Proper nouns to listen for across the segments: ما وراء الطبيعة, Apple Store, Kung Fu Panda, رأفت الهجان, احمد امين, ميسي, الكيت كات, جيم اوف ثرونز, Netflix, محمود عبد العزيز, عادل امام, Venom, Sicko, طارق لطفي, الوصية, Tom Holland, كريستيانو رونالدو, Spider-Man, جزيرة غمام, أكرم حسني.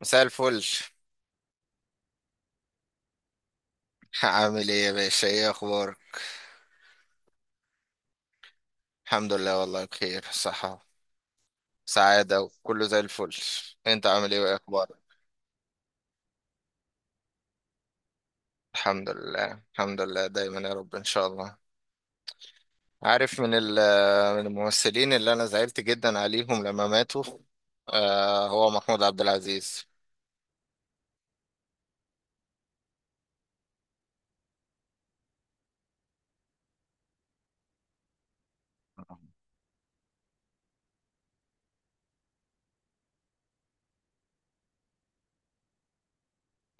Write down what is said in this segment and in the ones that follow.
مساء الفل. عامل ايه يا باشا؟ ايه اخبارك؟ الحمد لله والله بخير، صحة، سعادة، وكله زي الفل. انت عامل ايه وايه اخبارك؟ الحمد لله الحمد لله، دايما يا رب ان شاء الله. عارف من الممثلين اللي انا زعلت جدا عليهم لما ماتوا؟ هو محمود عبد العزيز.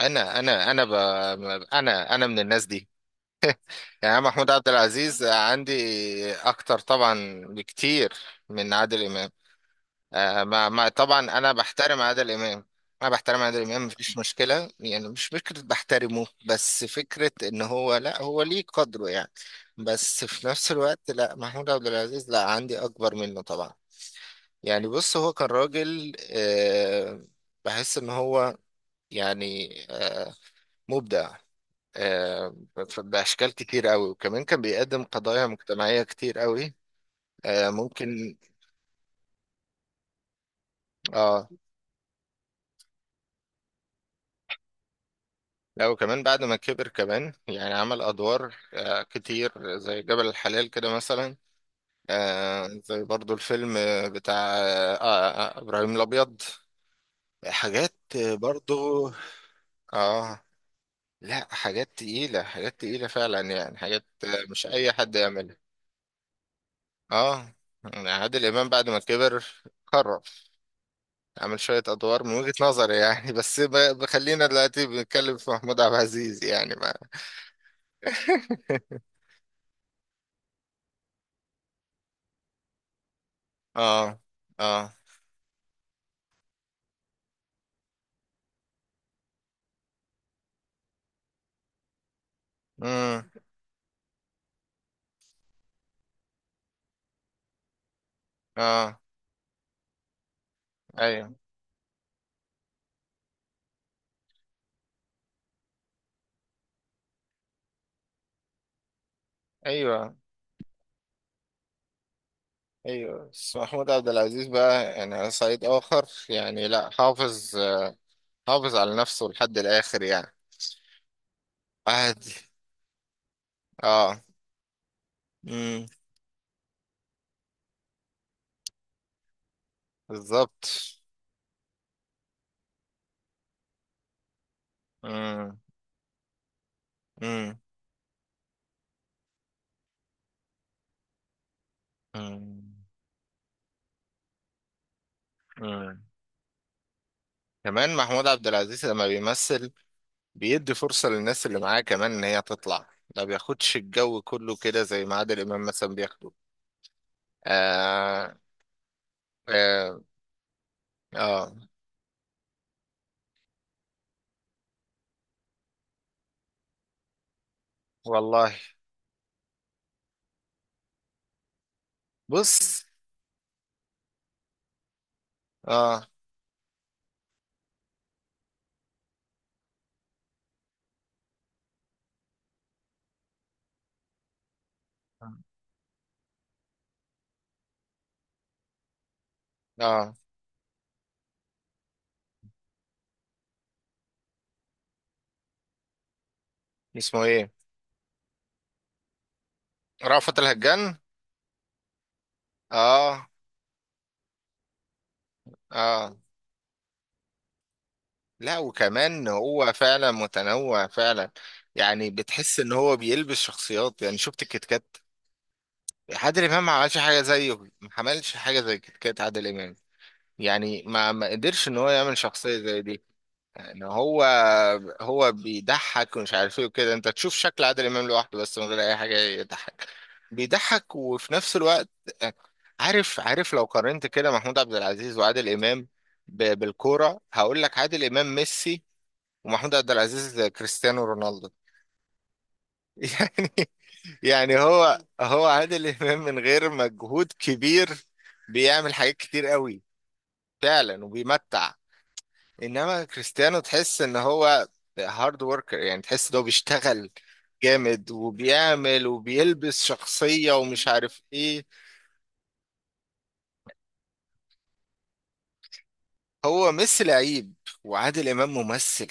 انا انا انا ب... انا من الناس دي، يعني أنا محمود عبد العزيز عندي اكتر طبعا بكتير من عادل امام. ما طبعا انا بحترم عادل امام. انا بحترم عادل امام، مفيش مشكله، يعني مش فكره بحترمه، بس فكره ان هو لا، هو ليه قدره يعني. بس في نفس الوقت لا، محمود عبد العزيز لا، عندي اكبر منه طبعا. يعني بص، هو كان راجل بحس ان هو يعني مبدع آه باشكال كتير قوي، وكمان كان بيقدم قضايا مجتمعيه كتير قوي. ممكن. اه. لا وكمان بعد ما كبر كمان، يعني عمل أدوار كتير، زي جبل الحلال كده مثلا. زي برضو الفيلم بتاع إبراهيم الأبيض. حاجات برضو. آه لا، حاجات تقيلة، حاجات تقيلة فعلا، يعني حاجات مش أي حد يعملها. آه يعني عادل إمام بعد ما كبر، قرر عمل شوية أدوار من وجهة نظري يعني. بس بخلينا دلوقتي بنتكلم في محمود عبد العزيز يعني ما. آه، آه، اه، ايوه، ايوه، ايوه. بس محمود عبد العزيز بقى، يعني على صعيد اخر، يعني لا، حافظ على نفسه لحد الاخر يعني. عادي. اه. امم. بالظبط. امم. امم. امم. أمم. كمان محمود عبد العزيز لما بيمثل، بيدي فرصة للناس اللي معاه كمان ان هي تطلع. ما بياخدش الجو كله كده زي ما عادل امام مثلا بياخده. آه، آه، اه، والله. بص، اه، اه. اسمه ايه؟ رأفت الهجان. اه، اه. لا وكمان هو فعلا متنوع فعلا، يعني بتحس ان هو بيلبس شخصيات. يعني شفت الكيت كات؟ عادل امام ما عملش حاجه زيه، ما عملش حاجه زي الكيت كات عادل امام، يعني ما قدرش ان هو يعمل شخصيه زي دي. ان هو بيضحك ومش عارف ايه وكده. انت تشوف شكل عادل امام لوحده بس من غير اي حاجه يضحك، بيضحك وفي نفس الوقت عارف. لو قارنت كده محمود عبد العزيز وعادل امام بالكوره، هقول لك عادل امام ميسي ومحمود عبد العزيز كريستيانو رونالدو. يعني، يعني هو عادل امام من غير مجهود كبير بيعمل حاجات كتير قوي فعلا وبيمتع، انما كريستيانو تحس ان هو هارد وركر، يعني تحس ان هو بيشتغل جامد وبيعمل وبيلبس شخصية ومش عارف ايه. هو ميسي لعيب وعادل امام ممثل،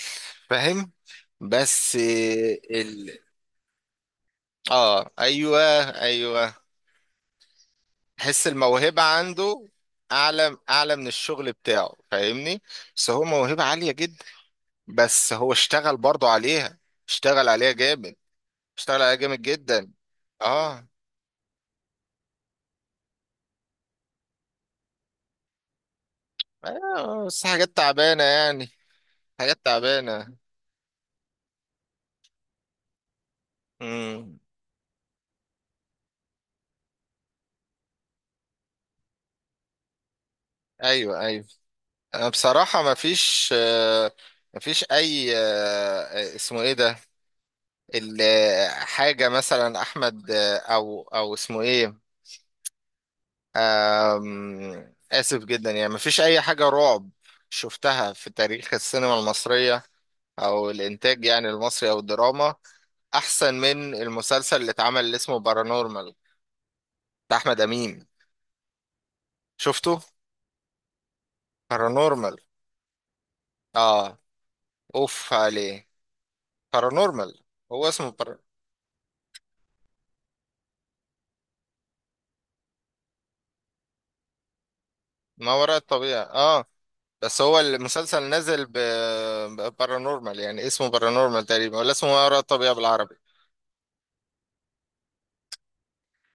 فاهم؟ بس ال... اه، ايوه، ايوه. تحس الموهبة عنده اعلى، اعلى من الشغل بتاعه، فاهمني؟ بس هو موهبة عالية جدا، بس هو اشتغل برضه عليها. اشتغل عليها جامد. اشتغل عليها جامد جدا. اه. بس حاجات تعبانة يعني، حاجات تعبانة. امم. ايوه، ايوه. انا بصراحة ما فيش ما فيش اي اسمه ايه ده، حاجة مثلا احمد، او اسمه ايه، اسف جدا، يعني ما فيش اي حاجة رعب شفتها في تاريخ السينما المصرية او الانتاج يعني المصري او الدراما احسن من المسلسل اللي اتعمل اللي اسمه بارانورمال، بتاع احمد امين. شفته؟ بارانورمال. اه. اوف عليه. بارانورمال. هو اسمه بر... ما وراء الطبيعة. اه. بس هو المسلسل نزل بارانورمال، يعني اسمه بارانورمال تقريبا ولا اسمه ما وراء الطبيعة بالعربي؟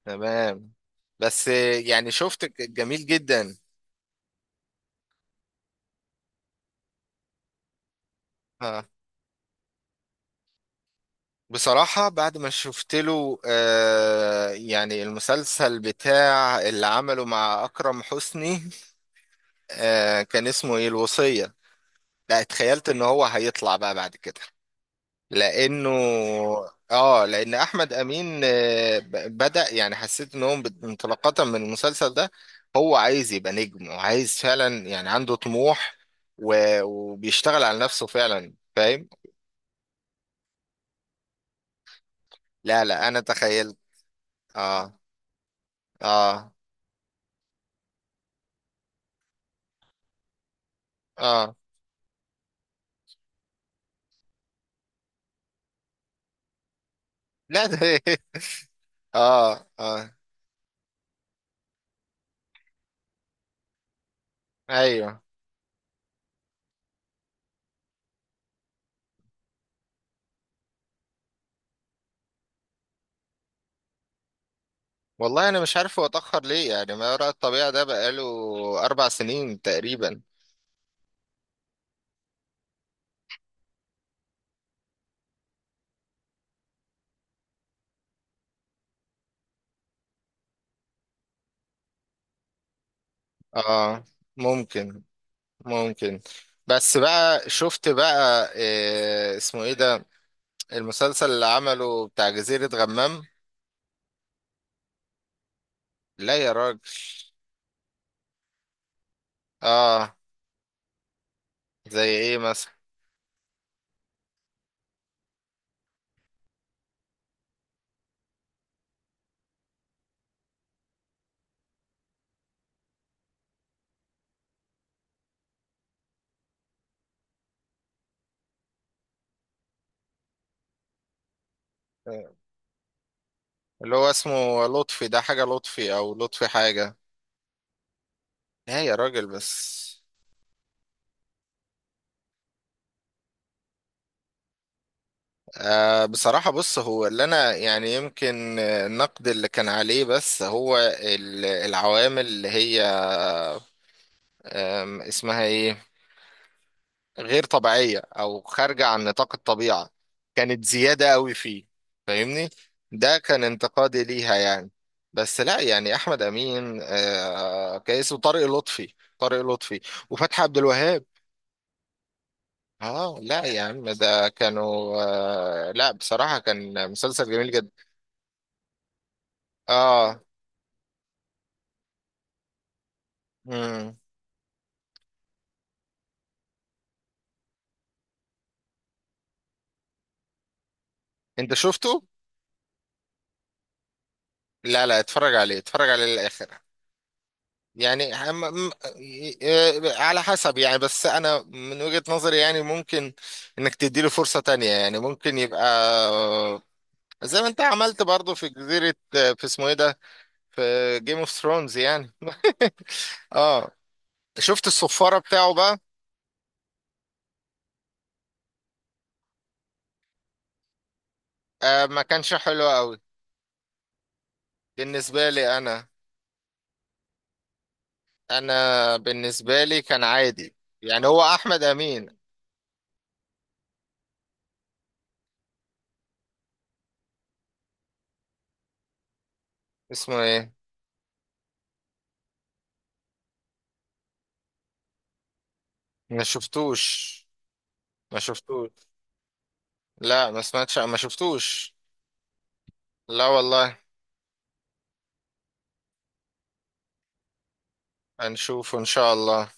تمام. بس يعني شفت جميل جدا. اه. بصراحة بعد ما شفت له يعني المسلسل بتاع اللي عمله مع أكرم حسني، كان اسمه ايه، الوصية. لا، اتخيلت ان هو هيطلع بقى بعد كده، لانه، اه، لان احمد امين بدا، يعني حسيت ان هو انطلاقه من المسلسل ده. هو عايز يبقى نجم، وعايز فعلا يعني عنده طموح، وبيشتغل على نفسه فعلا، فاهم؟ لا، لا، انا تخيلت. اه، اه، اه. لا، ده. اه، اه، ايوه. والله انا مش عارف هو اتاخر ليه؟ يعني ما وراء الطبيعه ده بقاله 4 سنين تقريبا. اه. ممكن. ممكن. بس بقى شفت بقى إيه اسمه ايه ده، المسلسل اللي عمله، بتاع جزيرة غمام؟ لا يا راجل. اه. زي ايه مثلا؟ اللي هو اسمه لطفي ده، حاجة لطفي او لطفي حاجة. لا يا راجل، بس بصراحة بص، هو اللي انا يعني يمكن النقد اللي كان عليه، بس هو العوامل اللي هي، اسمها ايه، غير طبيعية أو خارجة عن نطاق الطبيعة، كانت زيادة أوي فيه، فاهمني؟ ده كان انتقادي ليها يعني. بس لا يعني أحمد أمين كيس، وطارق لطفي، طارق لطفي، وفتحي عبد الوهاب. اه لا يا عم، ده كانوا لا، بصراحة كان مسلسل جميل جدا. اه. مم. انت شفته؟ لا، لا، اتفرج عليه، اتفرج عليه للآخر. يعني م- على حسب يعني، بس انا من وجهة نظري يعني ممكن انك تديله فرصة تانية، يعني ممكن يبقى زي ما انت عملت برضو في جزيرة، في اسمه ايه ده، في جيم اوف ثرونز يعني. اه. شفت الصفارة بتاعه بقى؟ ما كانش حلو قوي. بالنسبة لي انا، انا بالنسبة لي كان عادي. يعني هو احمد امين، اسمه ايه؟ ما شفتوش. ما شفتوش. لا، ما سمعتش، ما شفتوش. لا والله. هنشوف ان شاء الله.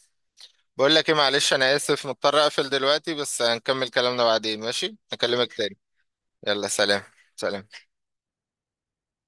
بقول لك ايه، معلش انا اسف، مضطر اقفل دلوقتي بس هنكمل كلامنا بعدين، ماشي؟ اكلمك تاني. يلا، سلام. سلام.